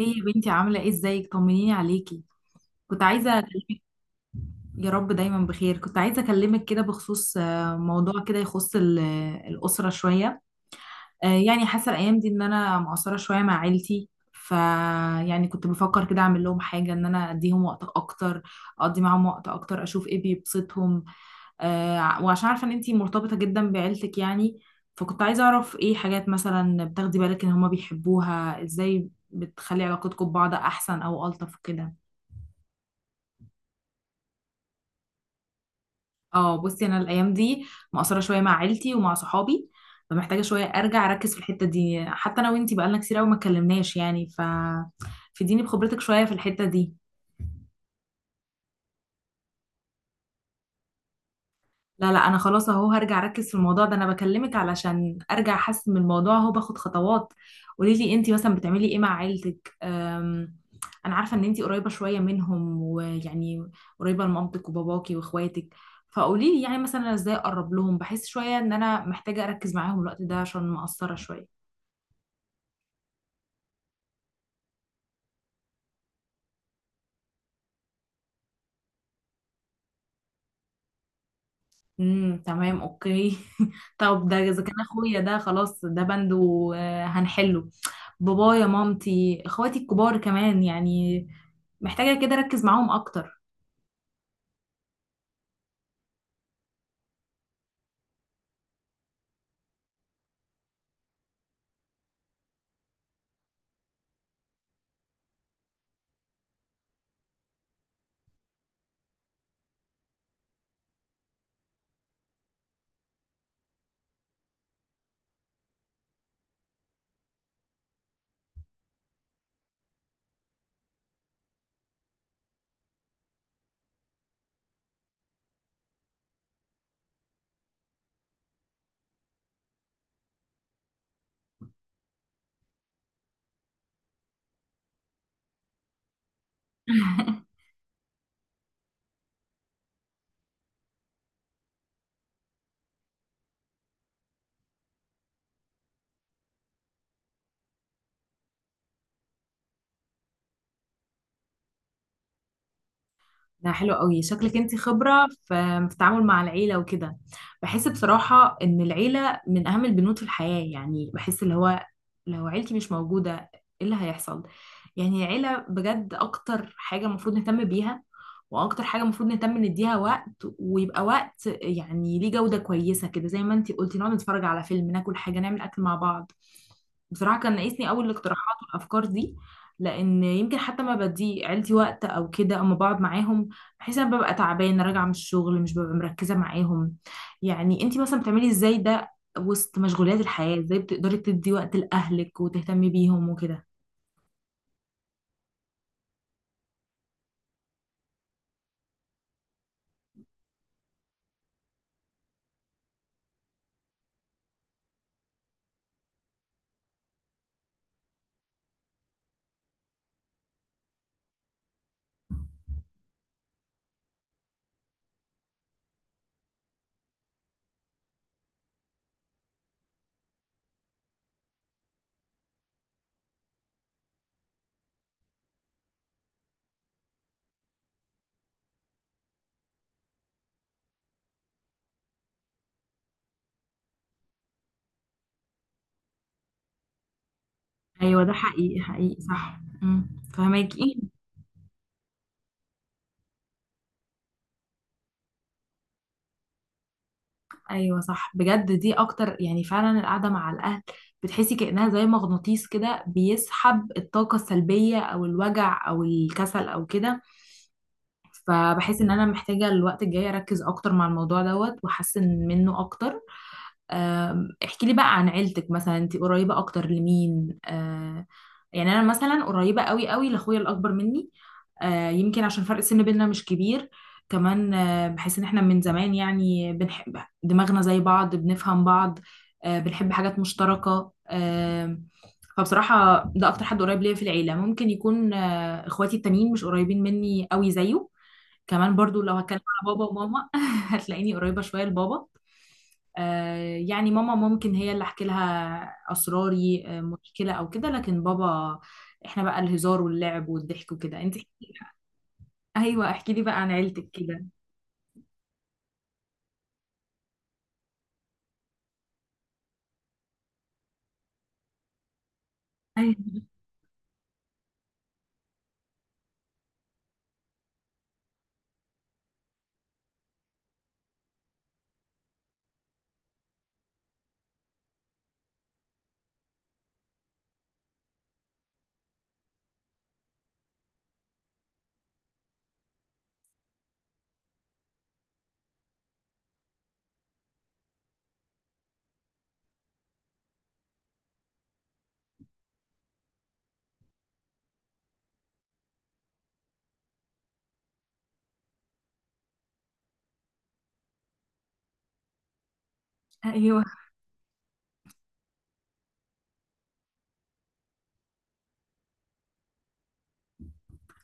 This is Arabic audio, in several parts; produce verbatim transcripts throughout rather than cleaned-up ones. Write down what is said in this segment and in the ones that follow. ايه يا بنتي عاملة ايه؟ ازيك؟ طمنيني عليكي. كنت عايزة، يا رب دايما بخير. كنت عايزة اكلمك كده بخصوص آه، موضوع كده يخص ال- الأسرة شوية. آه، يعني حاسة الأيام دي ان انا مقصرة شوية مع عيلتي، ف يعني كنت بفكر كده اعمل لهم حاجة، ان انا اديهم وقت اكتر، اقضي معاهم وقت اكتر، اشوف ايه بيبسطهم. آه، وعشان عارفة ان انتي مرتبطة جدا بعيلتك يعني، فكنت عايزة اعرف ايه حاجات مثلا بتاخدي بالك ان هما بيحبوها، ازاي بتخلي علاقتكم ببعض احسن او الطف وكده. اه بصي، انا الايام دي مقصره شويه مع عيلتي ومع صحابي، فمحتاجه شويه ارجع اركز في الحته دي. حتى انا وانتي بقالنا كتير قوي ما اتكلمناش يعني، ف فديني بخبرتك شويه في الحته دي. لا لا، انا خلاص اهو هرجع اركز في الموضوع ده. انا بكلمك علشان ارجع احسن من الموضوع اهو، باخد خطوات. قولي لي انتي مثلا بتعملي ايه مع عيلتك؟ أم، انا عارفه ان انتي قريبه شويه منهم ويعني قريبه لمامتك وباباكي واخواتك، فقولي لي يعني مثلا أنا ازاي اقرب لهم؟ بحس شويه ان انا محتاجه اركز معاهم الوقت ده عشان مقصره شويه. امم، تمام، اوكي. طب ده اذا كان اخويا، ده خلاص، ده بند وهنحله. بابايا، مامتي، اخواتي الكبار كمان يعني، محتاجة كده اركز معاهم اكتر. ده حلو قوي، شكلك انت خبرة في في التعامل مع العيلة وكده. بحس بصراحة ان العيلة من اهم البنود في الحياة، يعني بحس اللي هو لو عيلتي مش موجودة ايه اللي هيحصل؟ يعني عيلة بجد اكتر حاجة المفروض نهتم بيها، واكتر حاجة المفروض نهتم نديها وقت، ويبقى وقت يعني ليه جودة كويسة كده، زي ما انتي قلتي نقعد نتفرج على فيلم، ناكل حاجة، نعمل اكل مع بعض. بصراحة كان ناقصني أوي الاقتراحات والأفكار دي، لأن يمكن حتى ما بدي عيلتي وقت أو كده، أما بقعد معاهم بحيث أنا ببقى تعبانة راجعة من الشغل، مش ببقى مركزة معاهم. يعني أنتي مثلا بتعملي إزاي ده وسط مشغولات الحياة؟ ازاي بتقدري تدي وقت لأهلك وتهتمي بيهم وكده؟ ايوه، ده حقيقي حقيقي، صح، امم. فهماكي. ايوه صح، بجد دي اكتر يعني، فعلا القعدة مع الأهل بتحسي كأنها زي مغناطيس كده بيسحب الطاقة السلبية او الوجع او الكسل او كده. فبحس ان انا محتاجة الوقت الجاي اركز اكتر مع الموضوع دوت واحسن منه اكتر. أم، احكي لي بقى عن عيلتك. مثلا انت قريبة اكتر لمين؟ آه، يعني انا مثلا قريبه قوي قوي لاخويا الاكبر مني. آه، يمكن عشان فرق السن بيننا مش كبير. كمان آه، بحس ان احنا من زمان يعني بنحب، دماغنا زي بعض، بنفهم بعض، آه، بنحب حاجات مشتركه. آه، فبصراحه ده اكتر حد قريب ليا في العيله. ممكن يكون آه، اخواتي التانيين مش قريبين مني قوي زيه. كمان برضو لو هتكلم على بابا وماما، هتلاقيني قريبة شوية لبابا. آه، يعني ماما ممكن هي اللي احكي لها اسراري، آه، مشكله او كده، لكن بابا احنا بقى الهزار واللعب والضحك وكده. انت احكي- ايوه احكي لي بقى عن عيلتك كده. ايوه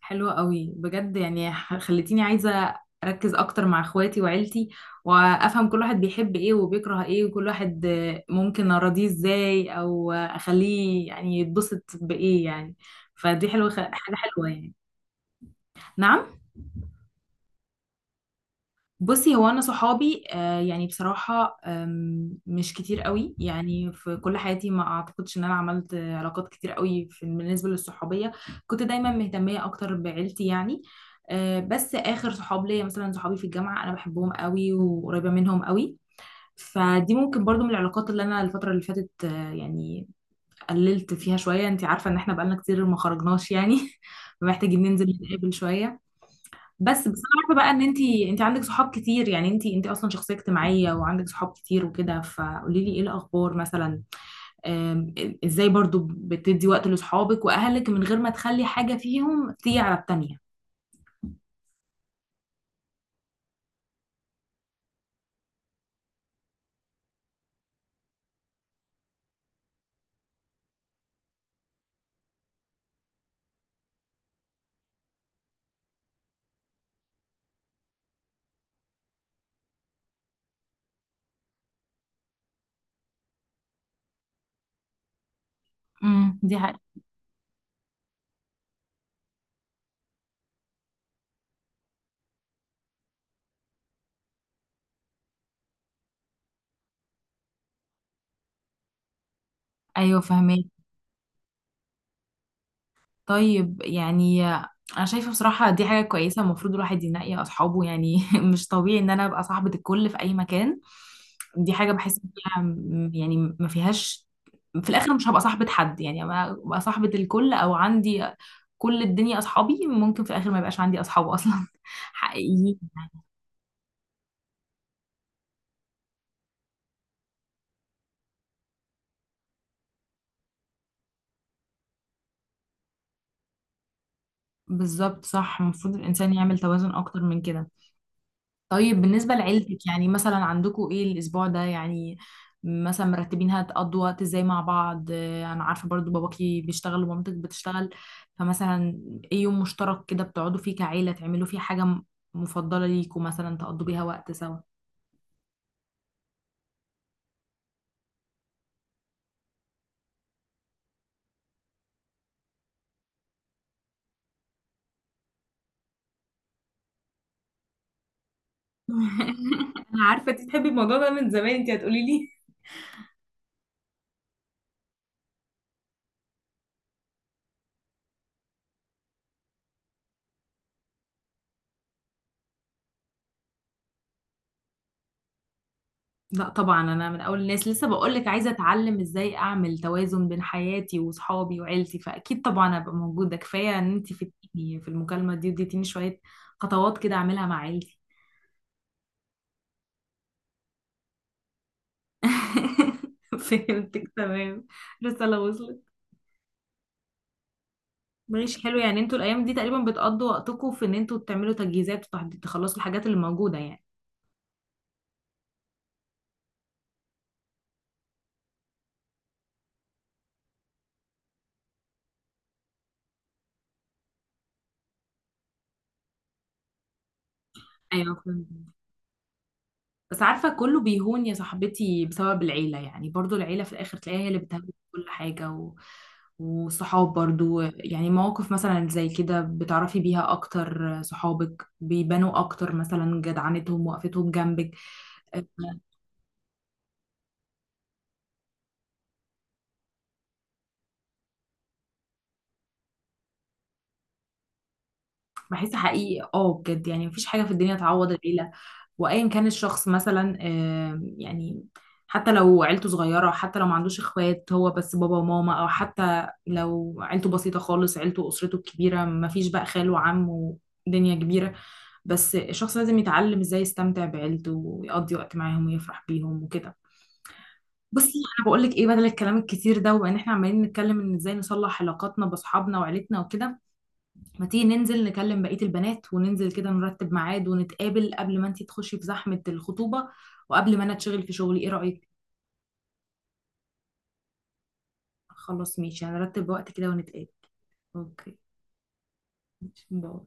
حلوة قوي بجد، يعني ح- خلتيني عايزة أركز أكتر مع إخواتي وعيلتي، وأفهم كل واحد بيحب إيه وبيكره إيه، وكل واحد آه، ممكن أراضيه إزاي، أو آه، أخليه يعني يتبسط بإيه يعني. فدي حلوة، خ- حاجة حلوة يعني. نعم؟ بصي هو انا صحابي آه يعني بصراحه، آم، مش كتير قوي يعني. في كل حياتي ما اعتقدش ان انا عملت آه، علاقات كتير قوي في بالنسبه للصحوبيه. كنت دايما مهتميه اكتر بعيلتي يعني. آه بس اخر صحاب ليا مثلا صحابي في الجامعه انا بحبهم قوي وقريبه منهم قوي. فدي ممكن برضو من العلاقات اللي انا الفتره اللي فاتت آه يعني قللت فيها شويه. انت عارفه ان احنا بقالنا كتير ما خرجناش يعني، محتاجين ننزل نتقابل شويه. بس بس انا عارفه بقى ان انت انت عندك صحاب كتير يعني، انت انت اصلا شخصيه اجتماعيه وعندك صحاب كتير وكده. فقولي لي ايه الاخبار مثلا، آم، ازاي برضو بتدي وقت لاصحابك واهلك من غير ما تخلي حاجه فيهم تيجي على التانيه؟ امم، دي حقيقة. ايوه فاهمك. طيب يعني انا شايفه بصراحه دي حاجه كويسه، المفروض الواحد ينقي اصحابه يعني. مش طبيعي ان انا ابقى صاحبه الكل في اي مكان. دي حاجه بحس إن فيها م- يعني ما فيهاش، في الاخر مش هبقى صاحبه حد يعني. أنا ابقى صاحبه الكل او عندي كل الدنيا اصحابي، ممكن في الاخر ما يبقاش عندي اصحاب اصلا حقيقيين. بالظبط صح، المفروض الانسان يعمل توازن اكتر من كده. طيب بالنسبة لعيلتك يعني مثلا عندكم ايه الأسبوع ده يعني؟ مثلا مرتبين هتقضوا وقت ازاي مع بعض؟ آه، أنا عارفة برضو باباكي بيشتغل ومامتك بتشتغل، فمثلا ايه يوم مشترك كده بتقعدوا فيه كعيلة، تعملوا فيه حاجة م- مفضلة ليكم مثلا تقضوا بيها وقت سوا؟ انا عارفه انت بتحبي الموضوع ده من زمان، انت هتقولي لي. لا طبعا انا من اول الناس، لسه بقول لك عايزه اتعلم ازاي اعمل توازن بين حياتي وصحابي وعيلتي، فاكيد طبعا ابقى موجوده. كفايه ان انت فدتيني في المكالمه دي، اديتيني شويه خطوات كده اعملها مع عيلتي. فهمتك تمام، الرساله وصلت. ماشي حلو، يعني انتوا الايام دي تقريبا بتقضوا وقتكم في ان انتوا تعملوا تجهيزات وتحضير، تخلصوا الحاجات اللي موجوده يعني. ايوه فهمت. بس عارفة كله بيهون يا صاحبتي بسبب العيلة، يعني برضو العيلة في الآخر تلاقيها هي اللي بتهون كل حاجة و... وصحاب برضو يعني، مواقف مثلا زي كده بتعرفي بيها أكتر صحابك بيبانوا أكتر، مثلا جدعنتهم وقفتهم جنبك. آه، بحس حقيقي اه بجد، يعني مفيش حاجة في الدنيا تعوض العيلة. وأيا كان الشخص مثلا، آم، يعني حتى لو عيلته صغيرة، حتى لو ما عندوش اخوات، هو بس بابا وماما، أو حتى لو عيلته بسيطة خالص، عيلته وأسرته الكبيرة مفيش بقى خال وعم ودنيا كبيرة، بس الشخص لازم يتعلم ازاي يستمتع بعيلته ويقضي وقت معاهم ويفرح بيهم وكده. بصي انا بقول لك ايه، بدل الكلام الكتير ده وان احنا عمالين نتكلم ان ازاي نصلح علاقاتنا باصحابنا وعيلتنا وكده، ما تيجي ننزل نكلم بقية البنات وننزل كده نرتب ميعاد ونتقابل، قبل ما انتي تخشي في زحمة الخطوبة وقبل ما انا اتشغل في شغلي، ايه رأيك؟ خلاص ماشي، هنرتب وقت كده ونتقابل. اوكي ماشي، باي.